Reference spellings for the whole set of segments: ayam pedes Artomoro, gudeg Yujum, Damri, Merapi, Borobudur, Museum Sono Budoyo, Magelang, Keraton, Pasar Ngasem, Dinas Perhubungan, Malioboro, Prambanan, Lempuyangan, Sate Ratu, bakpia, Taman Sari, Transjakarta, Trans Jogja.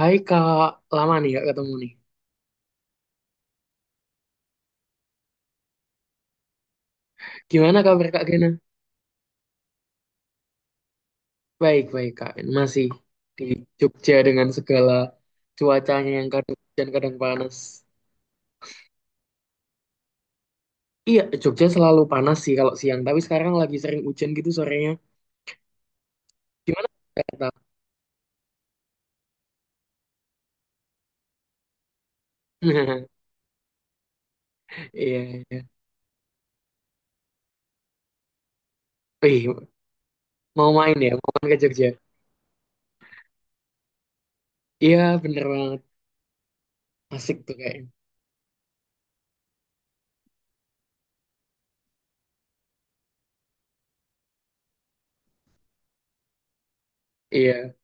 Hai Kak, lama nih Kak ketemu nih. Gimana kabar Kak Gena? Baik, baik Kak. Masih di Jogja dengan segala cuacanya yang kadang hujan kadang panas. Iya, Jogja selalu panas sih kalau siang, tapi sekarang lagi sering hujan gitu sorenya. Gimana Kak? Iya, iya. Wih, mau main ya, mau main ke Jogja. Iya, bener banget. Asik tuh kayaknya. Iya,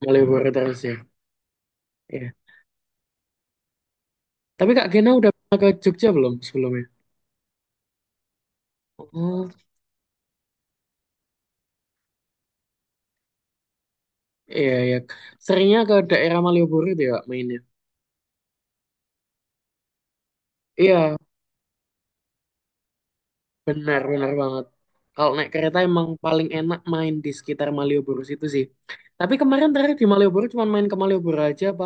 mau liburan terus ya. Iya. Tapi Kak Gena udah pernah ke Jogja belum sebelumnya? Oh. Iya, iya. Seringnya ke daerah Malioboro itu ya Kak, mainnya. Iya, benar, benar banget. Kalau naik kereta emang paling enak main di sekitar Malioboro situ sih. Tapi kemarin terakhir di Malioboro cuma main ke Malioboro aja apa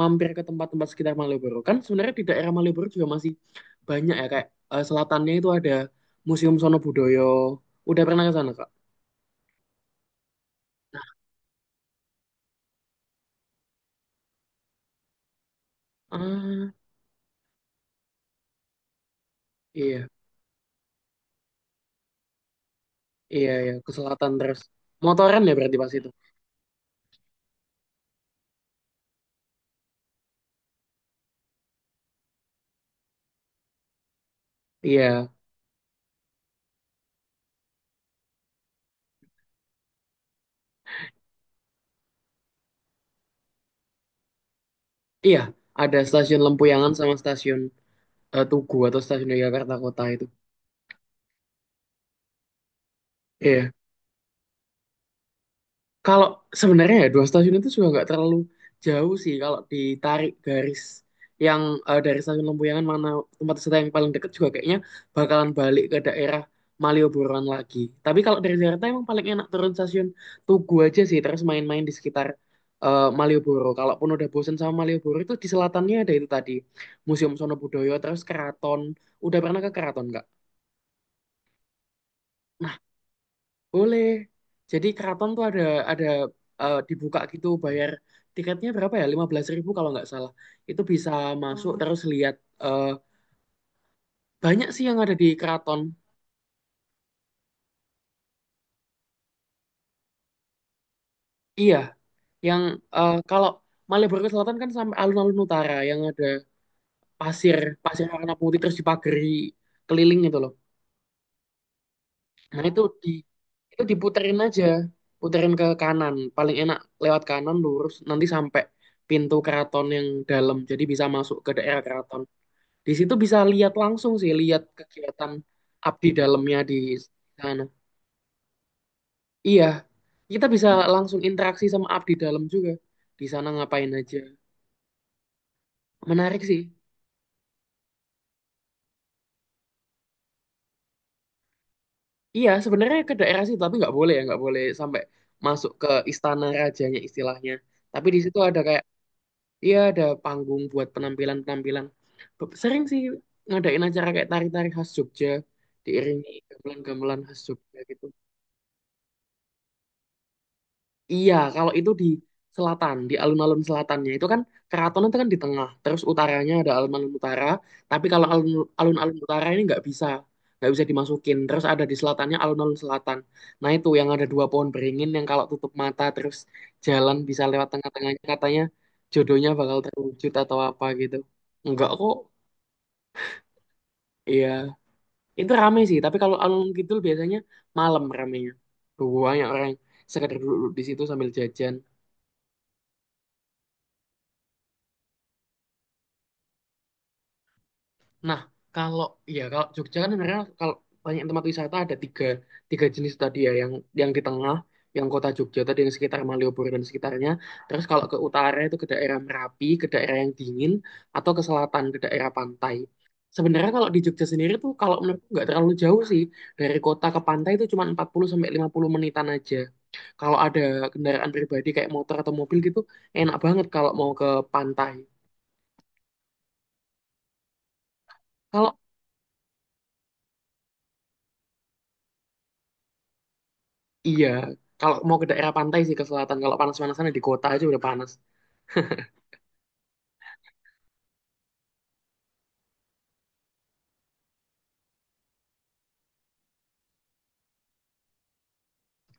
mampir ke tempat-tempat sekitar Malioboro. Kan sebenarnya di daerah Malioboro juga masih banyak ya kayak selatannya itu ada Museum Sono Budoyo. Udah pernah ke sana, Kak? Nah. Ah, iya, iya, iya, ke selatan terus. Motoran ya berarti pas itu. Iya, iya, ada stasiun Lempuyangan sama stasiun Tugu atau stasiun Yogyakarta Kota itu. Iya. Kalau sebenarnya ya dua stasiun itu juga nggak terlalu jauh sih kalau ditarik garis yang dari stasiun Lempuyangan mana tempat wisata yang paling dekat juga kayaknya bakalan balik ke daerah Malioboroan lagi. Tapi kalau dari Jakarta emang paling enak turun stasiun Tugu aja sih terus main-main di sekitar Malioboro. Kalaupun udah bosen sama Malioboro itu di selatannya ada itu tadi Museum Sono Budoyo terus Keraton. Udah pernah ke Keraton nggak? Boleh. Jadi keraton tuh ada dibuka gitu bayar tiketnya berapa ya? 15 ribu kalau nggak salah. Itu bisa masuk. Oh. Terus lihat eh, banyak sih yang ada di keraton. Iya, yang kalau Malioboro ke Selatan kan sampai alun-alun utara yang ada pasir, pasir warna putih terus dipagari keliling gitu loh. Nah, itu diputerin aja, puterin ke kanan. Paling enak lewat kanan lurus nanti sampai pintu keraton yang dalam. Jadi bisa masuk ke daerah keraton. Di situ bisa lihat langsung sih, lihat kegiatan abdi dalamnya di sana. Iya, kita bisa langsung interaksi sama abdi dalam juga. Di sana ngapain aja. Menarik sih. Iya, sebenarnya ke daerah situ, tapi nggak boleh ya, nggak boleh sampai masuk ke istana rajanya istilahnya. Tapi di situ ada kayak, iya ada panggung buat penampilan-penampilan. Sering sih ngadain acara kayak tari-tari khas Jogja, diiringi gamelan-gamelan khas Jogja gitu. Iya, kalau itu di selatan, di alun-alun selatannya itu kan keraton itu kan di tengah, terus utaranya ada alun-alun utara. Tapi kalau alun-alun utara ini nggak bisa dimasukin. Terus ada di selatannya alun-alun selatan. Nah itu yang ada dua pohon beringin yang kalau tutup mata terus jalan bisa lewat tengah-tengahnya katanya jodohnya bakal terwujud atau apa gitu. Enggak kok, iya. Itu rame sih, tapi kalau alun-alun kidul biasanya malam ramenya. Banyak orang yang sekedar duduk di situ sambil jajan. Nah, kalau kalau Jogja kan sebenarnya kalau banyak tempat wisata ada tiga tiga jenis tadi ya yang di tengah, yang kota Jogja tadi yang sekitar Malioboro dan sekitarnya. Terus kalau ke utara itu ke daerah Merapi, ke daerah yang dingin atau ke selatan ke daerah pantai. Sebenarnya kalau di Jogja sendiri tuh kalau menurutku nggak terlalu jauh sih dari kota ke pantai itu cuma 40 sampai 50 menitan aja. Kalau ada kendaraan pribadi kayak motor atau mobil gitu enak banget kalau mau ke pantai. kalau Iya, kalau mau ke daerah pantai sih ke selatan. Kalau panas-panasan ya di kota aja udah panas.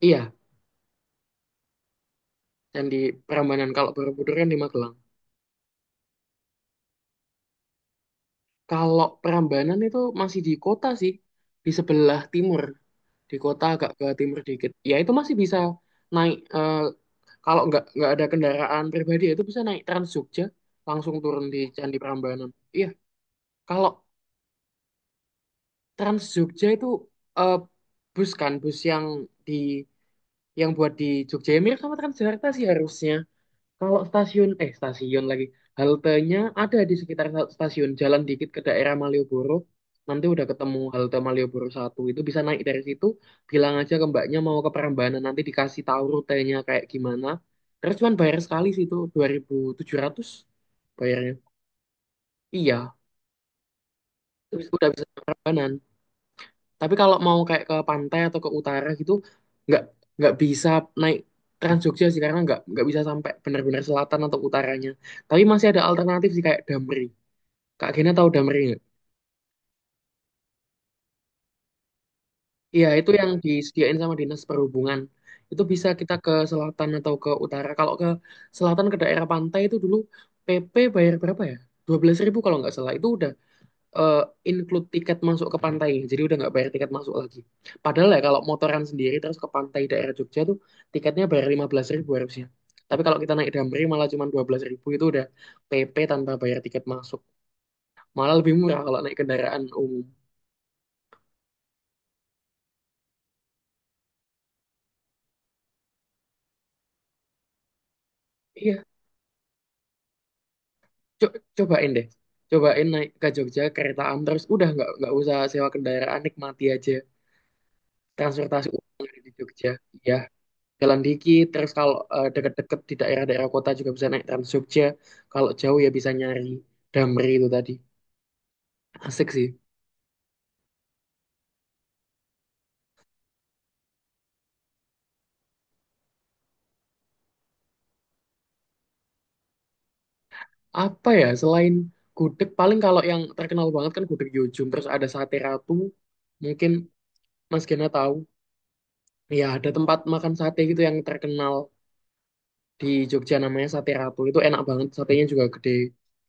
Iya, dan di Prambanan. Kalau Borobudur kan di Magelang. Kalau Prambanan itu masih di kota sih, di sebelah timur, di kota agak ke timur dikit. Ya itu masih bisa naik. Kalau nggak ada kendaraan pribadi ya itu bisa naik Trans Jogja, langsung turun di Candi Prambanan. Iya, kalau Trans Jogja itu eh, bus kan, bus di yang buat di Jogja ya mirip sama Transjakarta sih harusnya. Kalau stasiun, eh stasiun lagi, haltenya ada di sekitar stasiun, jalan dikit ke daerah Malioboro, nanti udah ketemu halte Malioboro satu itu bisa naik dari situ, bilang aja ke mbaknya mau ke Prambanan, nanti dikasih tahu rutenya kayak gimana. Terus cuman bayar sekali sih itu, 2.700 bayarnya. Iya, terus udah bisa ke Prambanan. Tapi kalau mau kayak ke pantai atau ke utara gitu, nggak nggak bisa naik Trans Jogja sih karena nggak bisa sampai benar-benar selatan atau utaranya. Tapi masih ada alternatif sih kayak Damri. Kak Gena tahu Damri nggak? Iya itu yang disediain sama Dinas Perhubungan. Itu bisa kita ke selatan atau ke utara. Kalau ke selatan ke daerah pantai itu dulu PP bayar berapa ya? 12 ribu kalau nggak salah. Itu udah eh, include tiket masuk ke pantai. Jadi udah nggak bayar tiket masuk lagi. Padahal ya kalau motoran sendiri terus ke pantai daerah Jogja tuh tiketnya bayar 15 ribu harusnya. Tapi kalau kita naik Damri malah cuma 12 ribu itu udah PP tanpa bayar tiket masuk. Malah lebih murah kalau naik kendaraan umum. Iya, cobain deh. Cobain naik ke Jogja keretaan terus udah nggak usah sewa kendaraan nikmati aja transportasi umum yang ada di Jogja. Iya. Jalan dikit terus kalau deket-deket di daerah-daerah kota juga bisa naik Trans Jogja, kalau jauh ya bisa nyari Damri itu tadi, asik sih. Apa ya, selain gudeg paling kalau yang terkenal banget kan gudeg Yujum terus ada sate ratu mungkin. Mas Gena tahu ya, ada tempat makan sate gitu yang terkenal di Jogja namanya Sate Ratu. Itu enak banget, satenya juga gede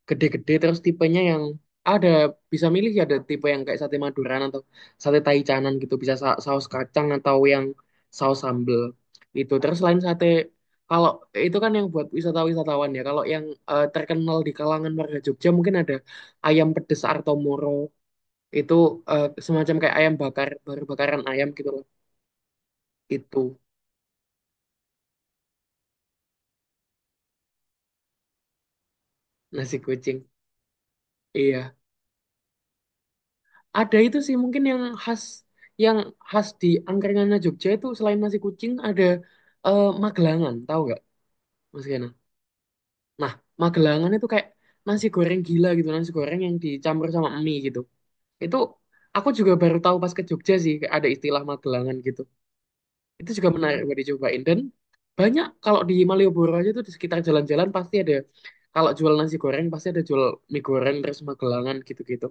gede-gede terus tipenya yang ada bisa milih ya, ada tipe yang kayak sate Maduran atau sate Taichanan gitu bisa saus kacang atau yang saus sambel itu. Terus selain sate kalau itu kan yang buat wisata-wisatawan ya. Kalau yang terkenal di kalangan warga Jogja mungkin ada ayam pedes Artomoro. Itu semacam kayak ayam bakar baru bakaran ayam gitu loh. Itu nasi kucing, iya. Ada itu sih mungkin yang khas di angkringannya Jogja itu selain nasi kucing ada magelangan, tahu nggak Mas Kena? Nah, magelangan itu kayak nasi goreng gila gitu, nasi goreng yang dicampur sama mie gitu. Itu aku juga baru tahu pas ke Jogja sih kayak ada istilah magelangan gitu. Itu juga menarik buat dicobain dan banyak kalau di Malioboro aja tuh di sekitar jalan-jalan pasti ada, kalau jual nasi goreng pasti ada jual mie goreng terus magelangan gitu-gitu.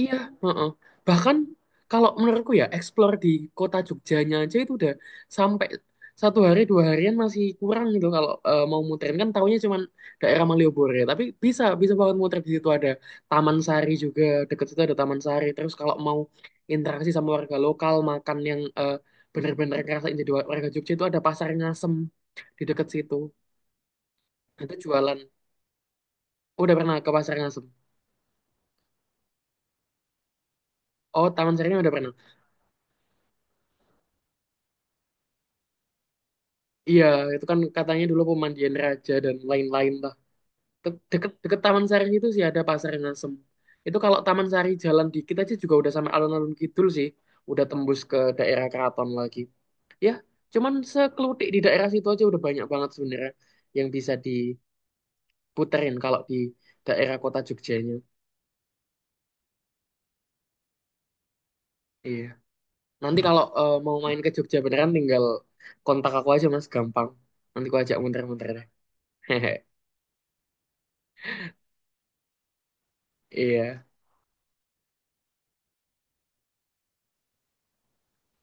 Iya, heeh. Bahkan kalau menurutku ya, explore di kota Jogjanya aja itu udah sampai 1 hari 2 harian masih kurang gitu, kalau mau muterin kan taunya cuman daerah Malioboro ya. Tapi bisa bisa banget muter di situ, ada Taman Sari juga, deket situ ada Taman Sari. Terus kalau mau interaksi sama warga lokal makan yang bener-bener ngerasain jadi warga Jogja itu ada Pasar Ngasem di deket situ. Itu jualan. Udah pernah ke Pasar Ngasem? Oh, Taman Sari udah pernah. Iya, itu kan katanya dulu pemandian raja dan lain-lain lah. Deket Taman Sari itu sih ada Pasar Ngasem. Itu kalau Taman Sari jalan dikit aja juga udah sama alun-alun kidul sih. Udah tembus ke daerah keraton lagi. Ya, cuman sekelutik di daerah situ aja udah banyak banget sebenarnya yang bisa diputerin kalau di daerah kota Jogjanya. Iya. Nanti kalau mau main ke Jogja beneran tinggal kontak aku aja Mas, gampang. Nanti aku ajak muter-muter deh. Hehe. Iya.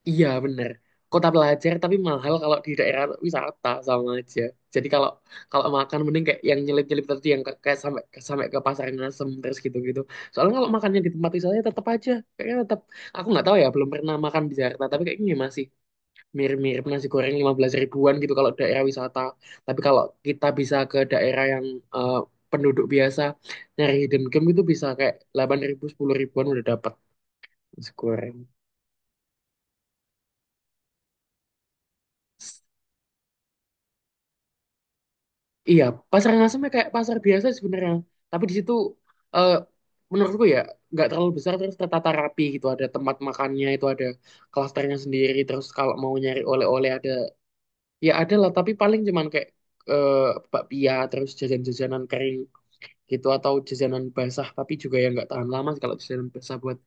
Iya bener. Kota pelajar tapi mahal kalau di daerah wisata sama aja. Jadi kalau kalau makan mending kayak yang nyelip-nyelip tadi yang kayak sampai sampai ke pasar Ngasem terus gitu-gitu. Soalnya kalau makannya di tempat wisata ya tetap aja kayaknya tetap, aku nggak tahu ya belum pernah makan di Jakarta tapi kayaknya masih mirip-mirip nasi goreng 15 ribuan gitu kalau daerah wisata. Tapi kalau kita bisa ke daerah yang eh, penduduk biasa nyari hidden gem itu bisa kayak 8 ribu 10 ribuan udah dapat nasi goreng. Iya, pasar Ngasem ya kayak pasar biasa sebenarnya. Tapi di situ eh, menurutku ya nggak terlalu besar terus tertata rapi gitu. Ada tempat makannya itu ada klasternya sendiri. Terus kalau mau nyari oleh-oleh ada, ya ada lah. Tapi paling cuman kayak eh, bakpia terus jajan-jajanan kering gitu atau jajanan basah. Tapi juga yang nggak tahan lama sih kalau jajanan basah buat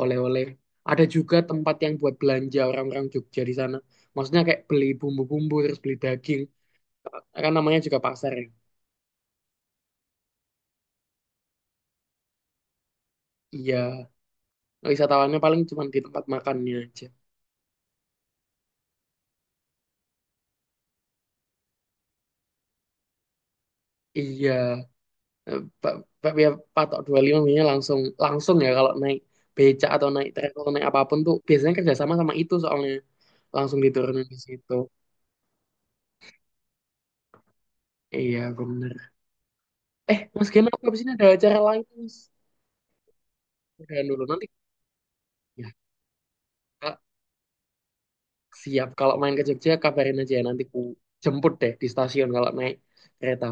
oleh-oleh. Ada juga tempat yang buat belanja orang-orang Jogja di sana. Maksudnya kayak beli bumbu-bumbu terus beli daging. Kan namanya juga pasar ya. Iya. Wisatawannya paling cuma di tempat makannya aja. Iya. Eh, bakpia patok 25 biasanya langsung langsung ya kalau naik becak atau naik trek naik apapun tuh biasanya kerjasama sama itu soalnya langsung diturunin di situ. Iya bener. Eh mas Gena, aku habis ini ada acara lain mas. Udahan dulu nanti ya Kak, siap kalau main ke Jogja kabarin aja ya nanti ku jemput deh di stasiun kalau naik kereta.